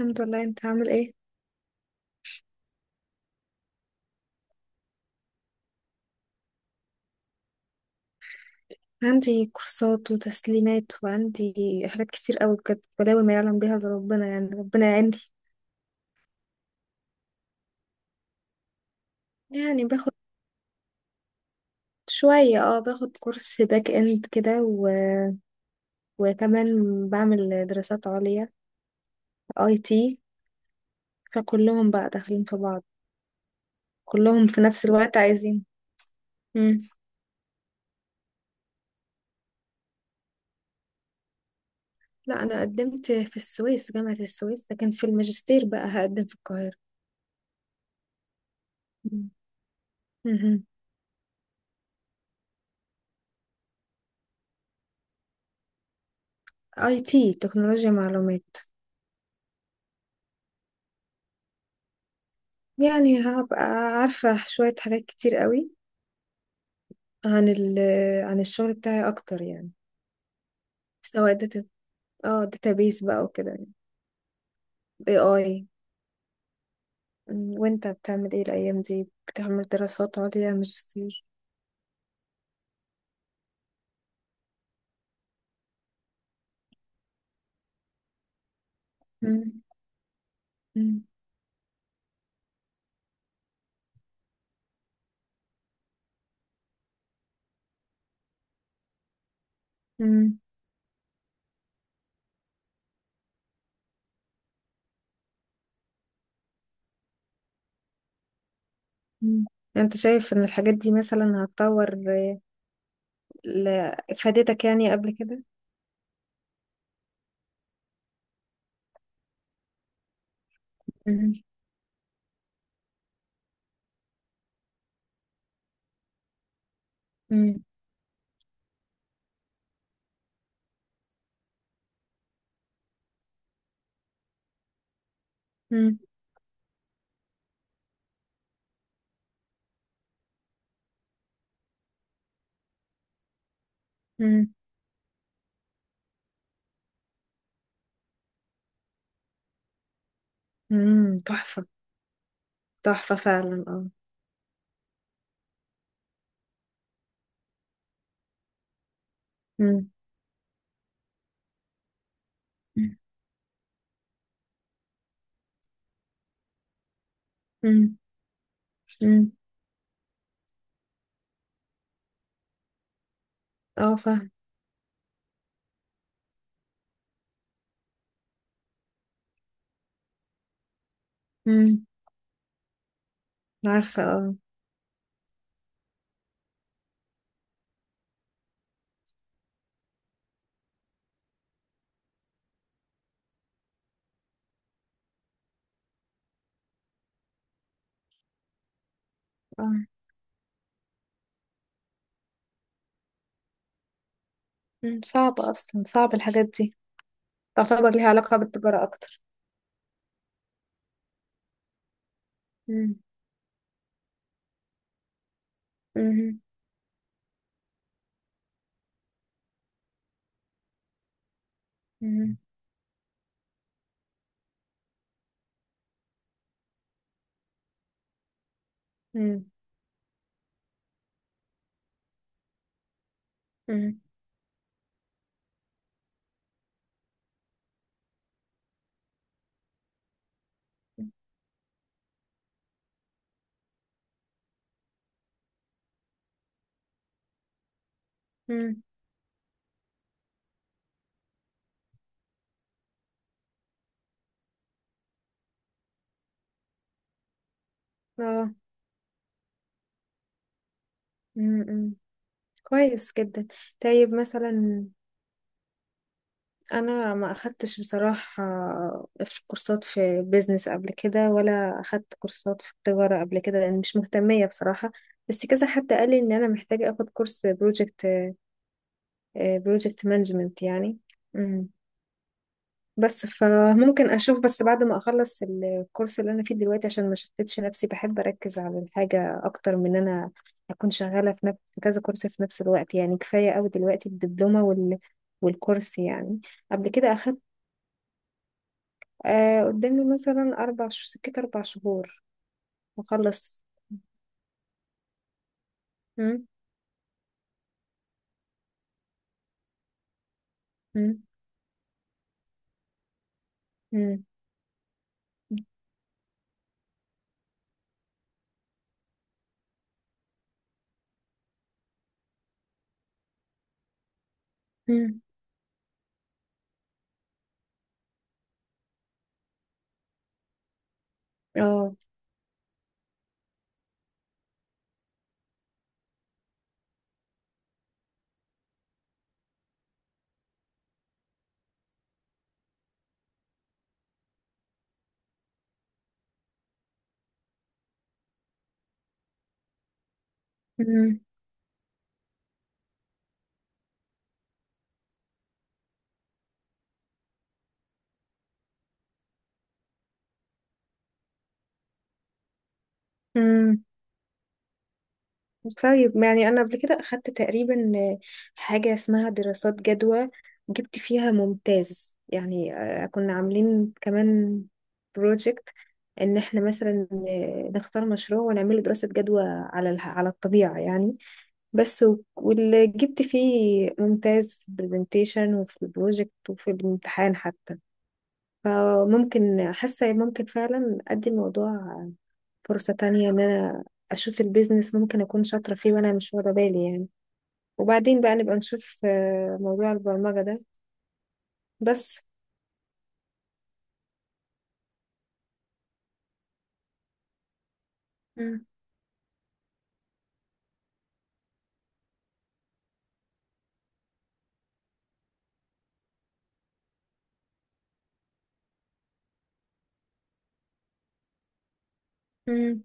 الحمد لله، انت عامل ايه؟ عندي كورسات وتسليمات، وعندي حاجات كتير قوي بجد، بلاوي ما يعلم بيها الا ربنا، يعني ربنا يعيني. يعني باخد شوية، باخد كورس باك اند كده وكمان بعمل دراسات عليا IT. فكلهم بقى داخلين في بعض، كلهم في نفس الوقت عايزين. مم. لا، انا قدمت في السويس، جامعة السويس. ده كان في الماجستير، بقى هقدم في القاهرة. مم. مهم. IT، تكنولوجيا معلومات. يعني هبقى عارفة شوية حاجات كتير قوي عن ال عن الشغل بتاعي أكتر، يعني سواء داتا، اه داتابيس بقى وكده يعني. اي، اي، وانت بتعمل ايه الأيام دي؟ بتعمل دراسات عليا ماجستير؟ مم. مم. مم. مم. يعني انت شايف ان الحاجات دي مثلا هتطور، ل- افادتك يعني قبل كده؟ مم. مم. مم. مم. مم. تحفة. تحفة فعلا، اه. مم. مم. مم. اه، فاهم. مم. عارفة، اه، آه. مم. صعبة أصلا، صعب الحاجات دي. تعتبر ليها علاقة بالتجارة أكتر. مم. مم. مم. مم. مم. مم. آه. مم. مم. كويس جدا. طيب، مثلا أنا ما أخدتش بصراحة في كورسات في بيزنس قبل كده، ولا أخدت كورسات في التجارة قبل كده، لأن مش مهتمية بصراحة. بس كذا حد قال لي إن أنا محتاجة أخد كورس بروجكت مانجمنت يعني. بس فممكن اشوف، بس بعد ما اخلص الكورس اللي انا فيه دلوقتي، عشان ما شتتش نفسي. بحب اركز على الحاجه اكتر من ان انا اكون شغاله في كذا كورس في نفس الوقت. يعني كفايه قوي دلوقتي الدبلومه والكورس يعني. قبل كده اخدت، قدامي مثلا اربع سكت، اربع شهور، واخلص. مم. مم. مم. مم. اه. مم. طيب، ما يعني انا قبل كده اخدت تقريبا حاجه اسمها دراسات جدوى، جبت فيها ممتاز يعني. كنا عاملين كمان بروجكت ان احنا مثلا، نختار مشروع ونعمله دراسه جدوى على الطبيعه يعني. بس واللي جبت فيه ممتاز في البرزنتيشن وفي البروجكت وفي الامتحان حتى. فممكن حاسة ممكن فعلا أدي الموضوع فرصة تانية، إن أنا أشوف البيزنس ممكن أكون شاطرة فيه وأنا مش واخدة بالي يعني. وبعدين بقى نبقى نشوف، موضوع البرمجة ده بس. مم. مم.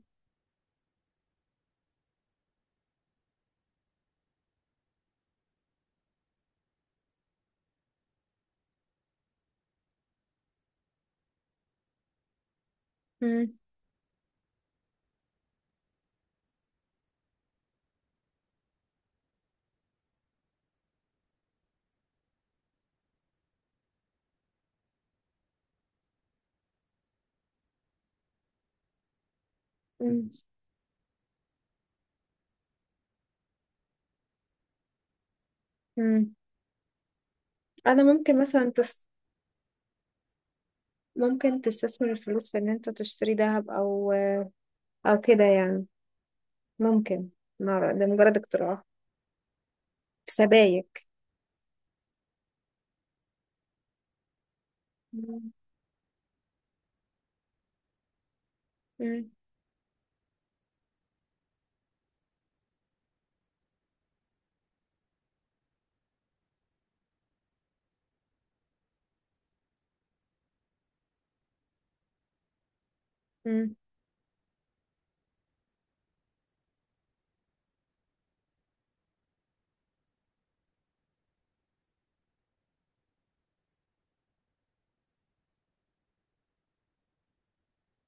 مم. مم. مم. أنا ممكن مثلا ممكن تستثمر الفلوس في إن أنت تشتري ذهب، أو كده يعني. ممكن، ما- أعرف، ده مجرد اقتراح. في سبايك. مم. مم. مم.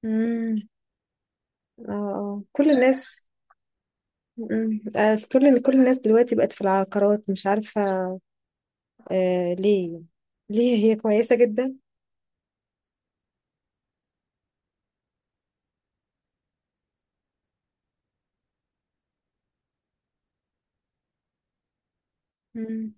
مم. اه، آه. كل الناس. مم. آه، كل الناس دلوقتي بقت في العقارات، مش عارفة ليه. ليه هي كويسة جدا؟ مم.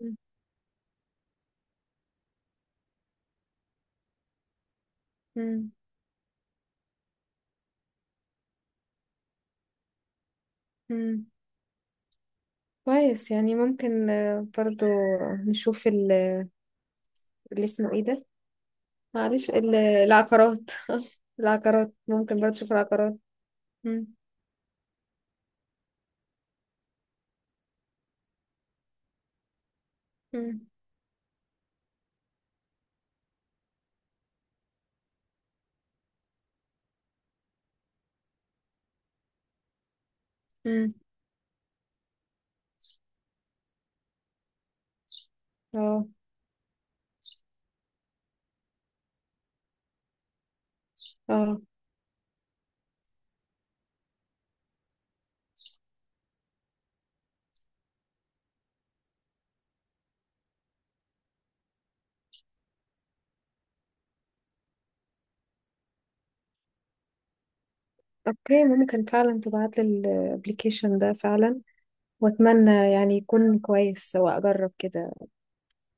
مم. مم. مم. كويس، يعني ممكن، برضو نشوف اللي اسمه ايه ده، معلش العقارات. العقارات ممكن برضو نشوف العقارات. مم. مم. مم. اه، اه، اوكي، ممكن فعلا تبعت لي الابليكيشن ده فعلا، واتمنى يعني يكون كويس واجرب كده،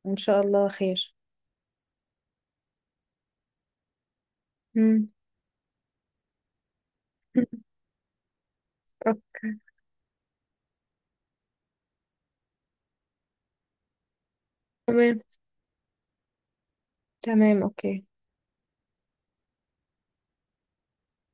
وان شاء الله خير. مم. اوكي. تمام. تمام، اوكي.